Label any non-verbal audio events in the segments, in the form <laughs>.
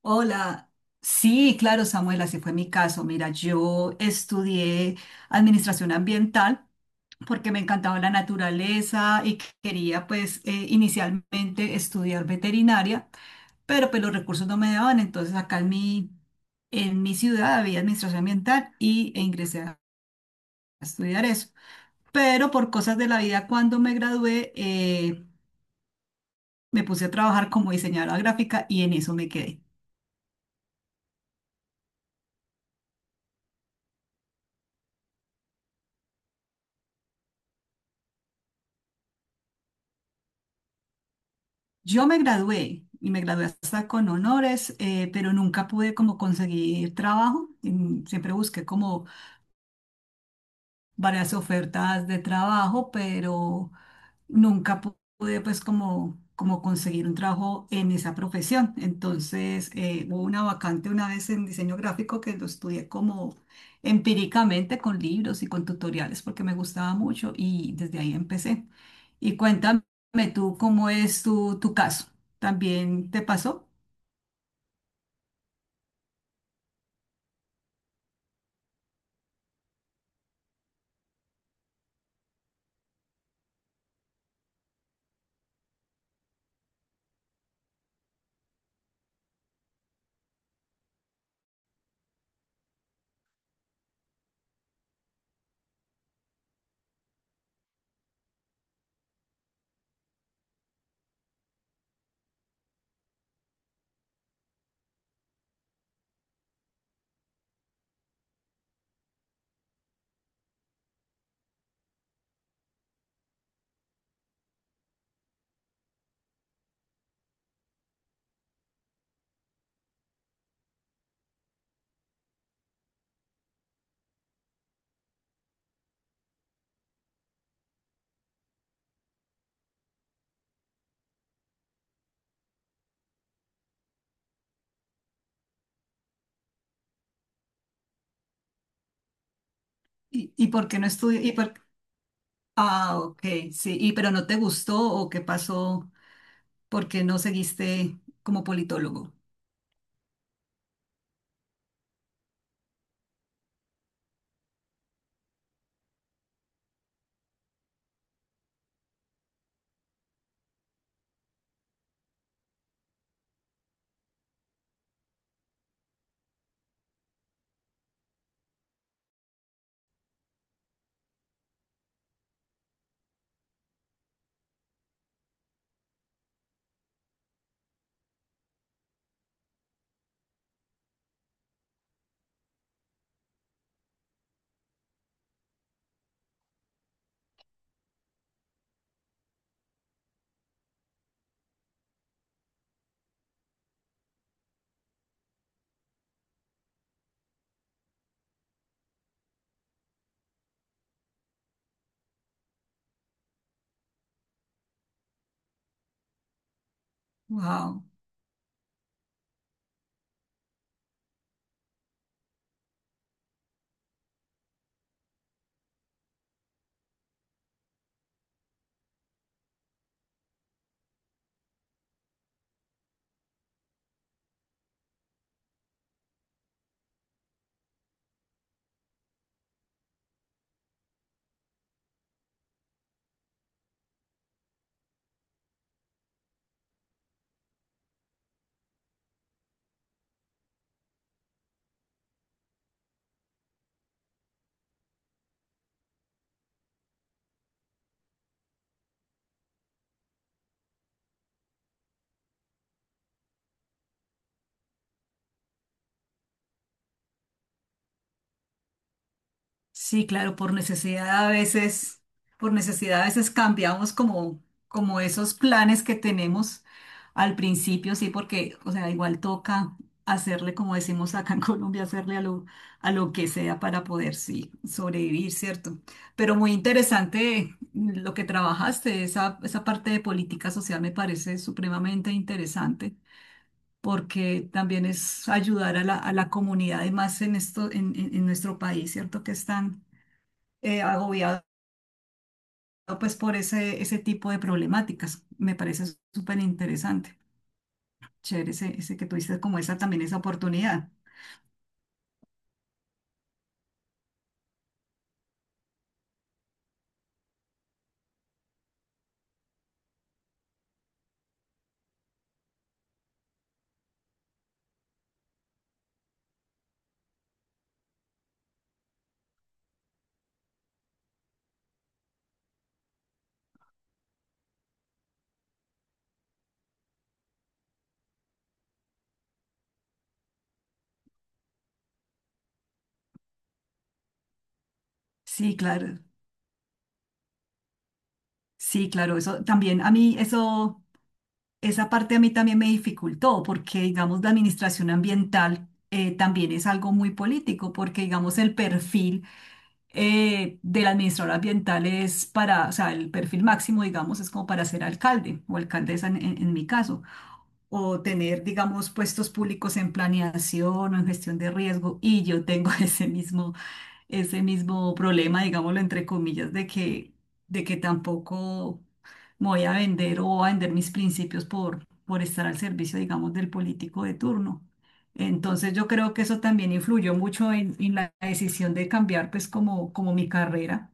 Hola, sí, claro, Samuel, así fue mi caso. Mira, yo estudié administración ambiental porque me encantaba la naturaleza y quería pues inicialmente estudiar veterinaria, pero pues los recursos no me daban, entonces acá en mi ciudad había administración ambiental e ingresé a estudiar eso. Pero por cosas de la vida, cuando me gradué, me puse a trabajar como diseñadora gráfica y en eso me quedé. Yo me gradué y me gradué hasta con honores, pero nunca pude como conseguir trabajo. Siempre busqué como varias ofertas de trabajo, pero nunca pude pues como conseguir un trabajo en esa profesión. Entonces hubo una vacante una vez en diseño gráfico que lo estudié como empíricamente con libros y con tutoriales porque me gustaba mucho y desde ahí empecé. Y cuéntame tú cómo es tu caso. ¿También te pasó? ¿Y por qué no estudié? Ah, ok, sí. ¿Y pero no te gustó o qué pasó? ¿Por qué no seguiste como politólogo? Wow. Sí, claro, por necesidad a veces, por necesidad a veces cambiamos como esos planes que tenemos al principio, sí, porque, o sea, igual toca hacerle, como decimos acá en Colombia, hacerle a lo que sea para poder, sí, sobrevivir, ¿cierto? Pero muy interesante lo que trabajaste, esa parte de política social me parece supremamente interesante porque también es ayudar a la comunidad, además en esto, en nuestro país, ¿cierto? Que están agobiado pues por ese tipo de problemáticas. Me parece súper interesante. Chévere ese que tuviste como esa también esa oportunidad. Sí, claro. Sí, claro, eso también a mí eso esa parte a mí también me dificultó porque digamos la administración ambiental también es algo muy político porque digamos el perfil del administrador ambiental es para, o sea, el perfil máximo digamos es como para ser alcalde o alcaldesa en mi caso. O tener, digamos, puestos públicos en planeación o en gestión de riesgo. Y yo tengo <laughs> ese mismo problema, digámoslo entre comillas, de que tampoco me voy a vender o a vender mis principios por estar al servicio, digamos, del político de turno. Entonces yo creo que eso también influyó mucho en la decisión de cambiar, pues, como mi carrera.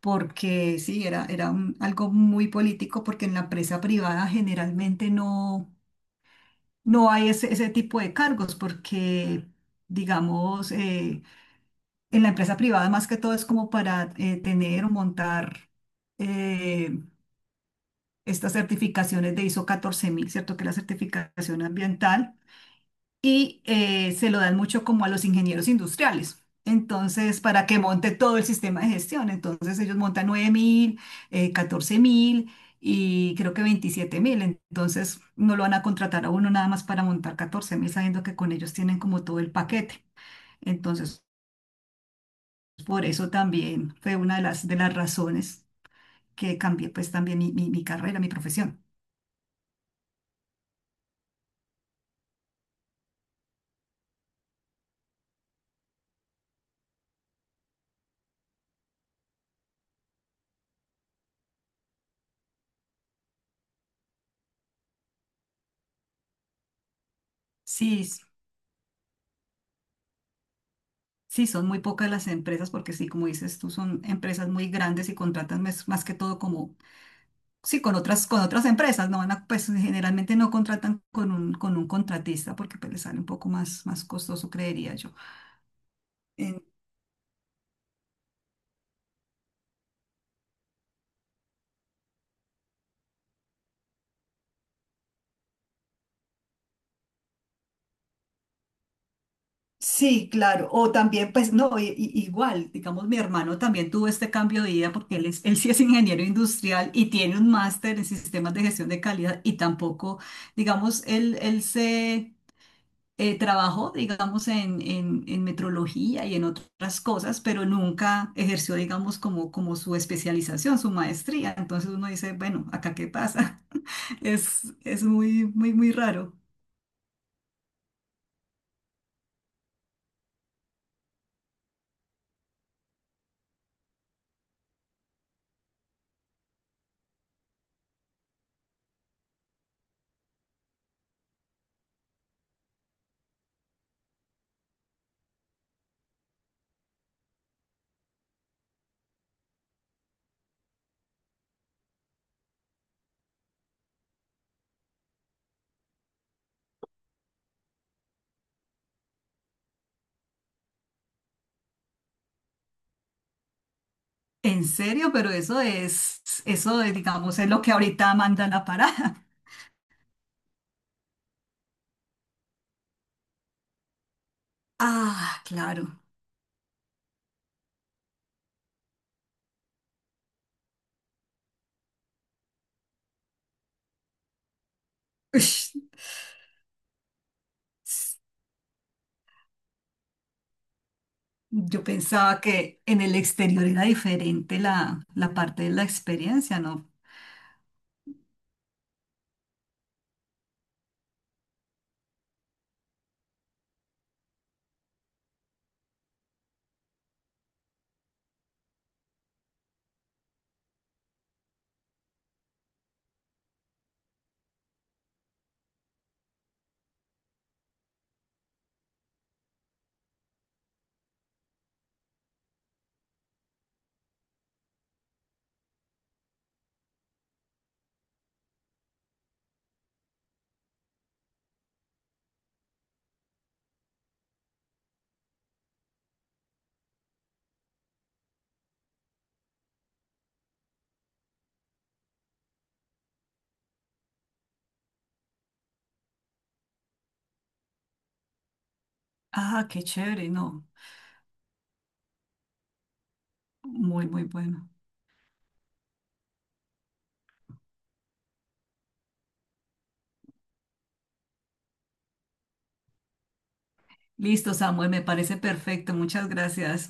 Porque sí, era algo muy político, porque en la empresa privada generalmente no hay ese tipo de cargos porque, digamos, en la empresa privada más que todo es como para tener o montar eh, estas certificaciones de ISO 14.000, ¿cierto? Que es la certificación ambiental y se lo dan mucho como a los ingenieros industriales. Entonces, para que monte todo el sistema de gestión. Entonces, ellos montan 9000, 14.000 y creo que 27.000. Entonces, no lo van a contratar a uno nada más para montar 14.000 sabiendo que con ellos tienen como todo el paquete. Entonces, por eso también fue una de las razones que cambie pues también mi, mi carrera, mi profesión. Sí, sí, son muy pocas las empresas porque sí, como dices tú, son empresas muy grandes y contratan más, que todo como, sí, con otras empresas, no van a, pues generalmente no contratan con un contratista porque pues, les sale un poco más, más costoso, creería yo. Sí, claro. O también, pues, no, igual, digamos, mi hermano también tuvo este cambio de vida porque él sí es ingeniero industrial y tiene un máster en sistemas de gestión de calidad y tampoco, digamos, él se trabajó, digamos, en metrología y en otras cosas, pero nunca ejerció, digamos, como su especialización, su maestría. Entonces uno dice, bueno, ¿acá qué pasa? <laughs> Es muy, muy, muy raro. En serio, pero eso es, digamos, es lo que ahorita manda la parada. <laughs> Ah, claro. Ush. Yo pensaba que en el exterior era diferente la parte de la experiencia, ¿no? Ah, qué chévere, no. Muy, muy bueno. Listo, Samuel, me parece perfecto. Muchas gracias.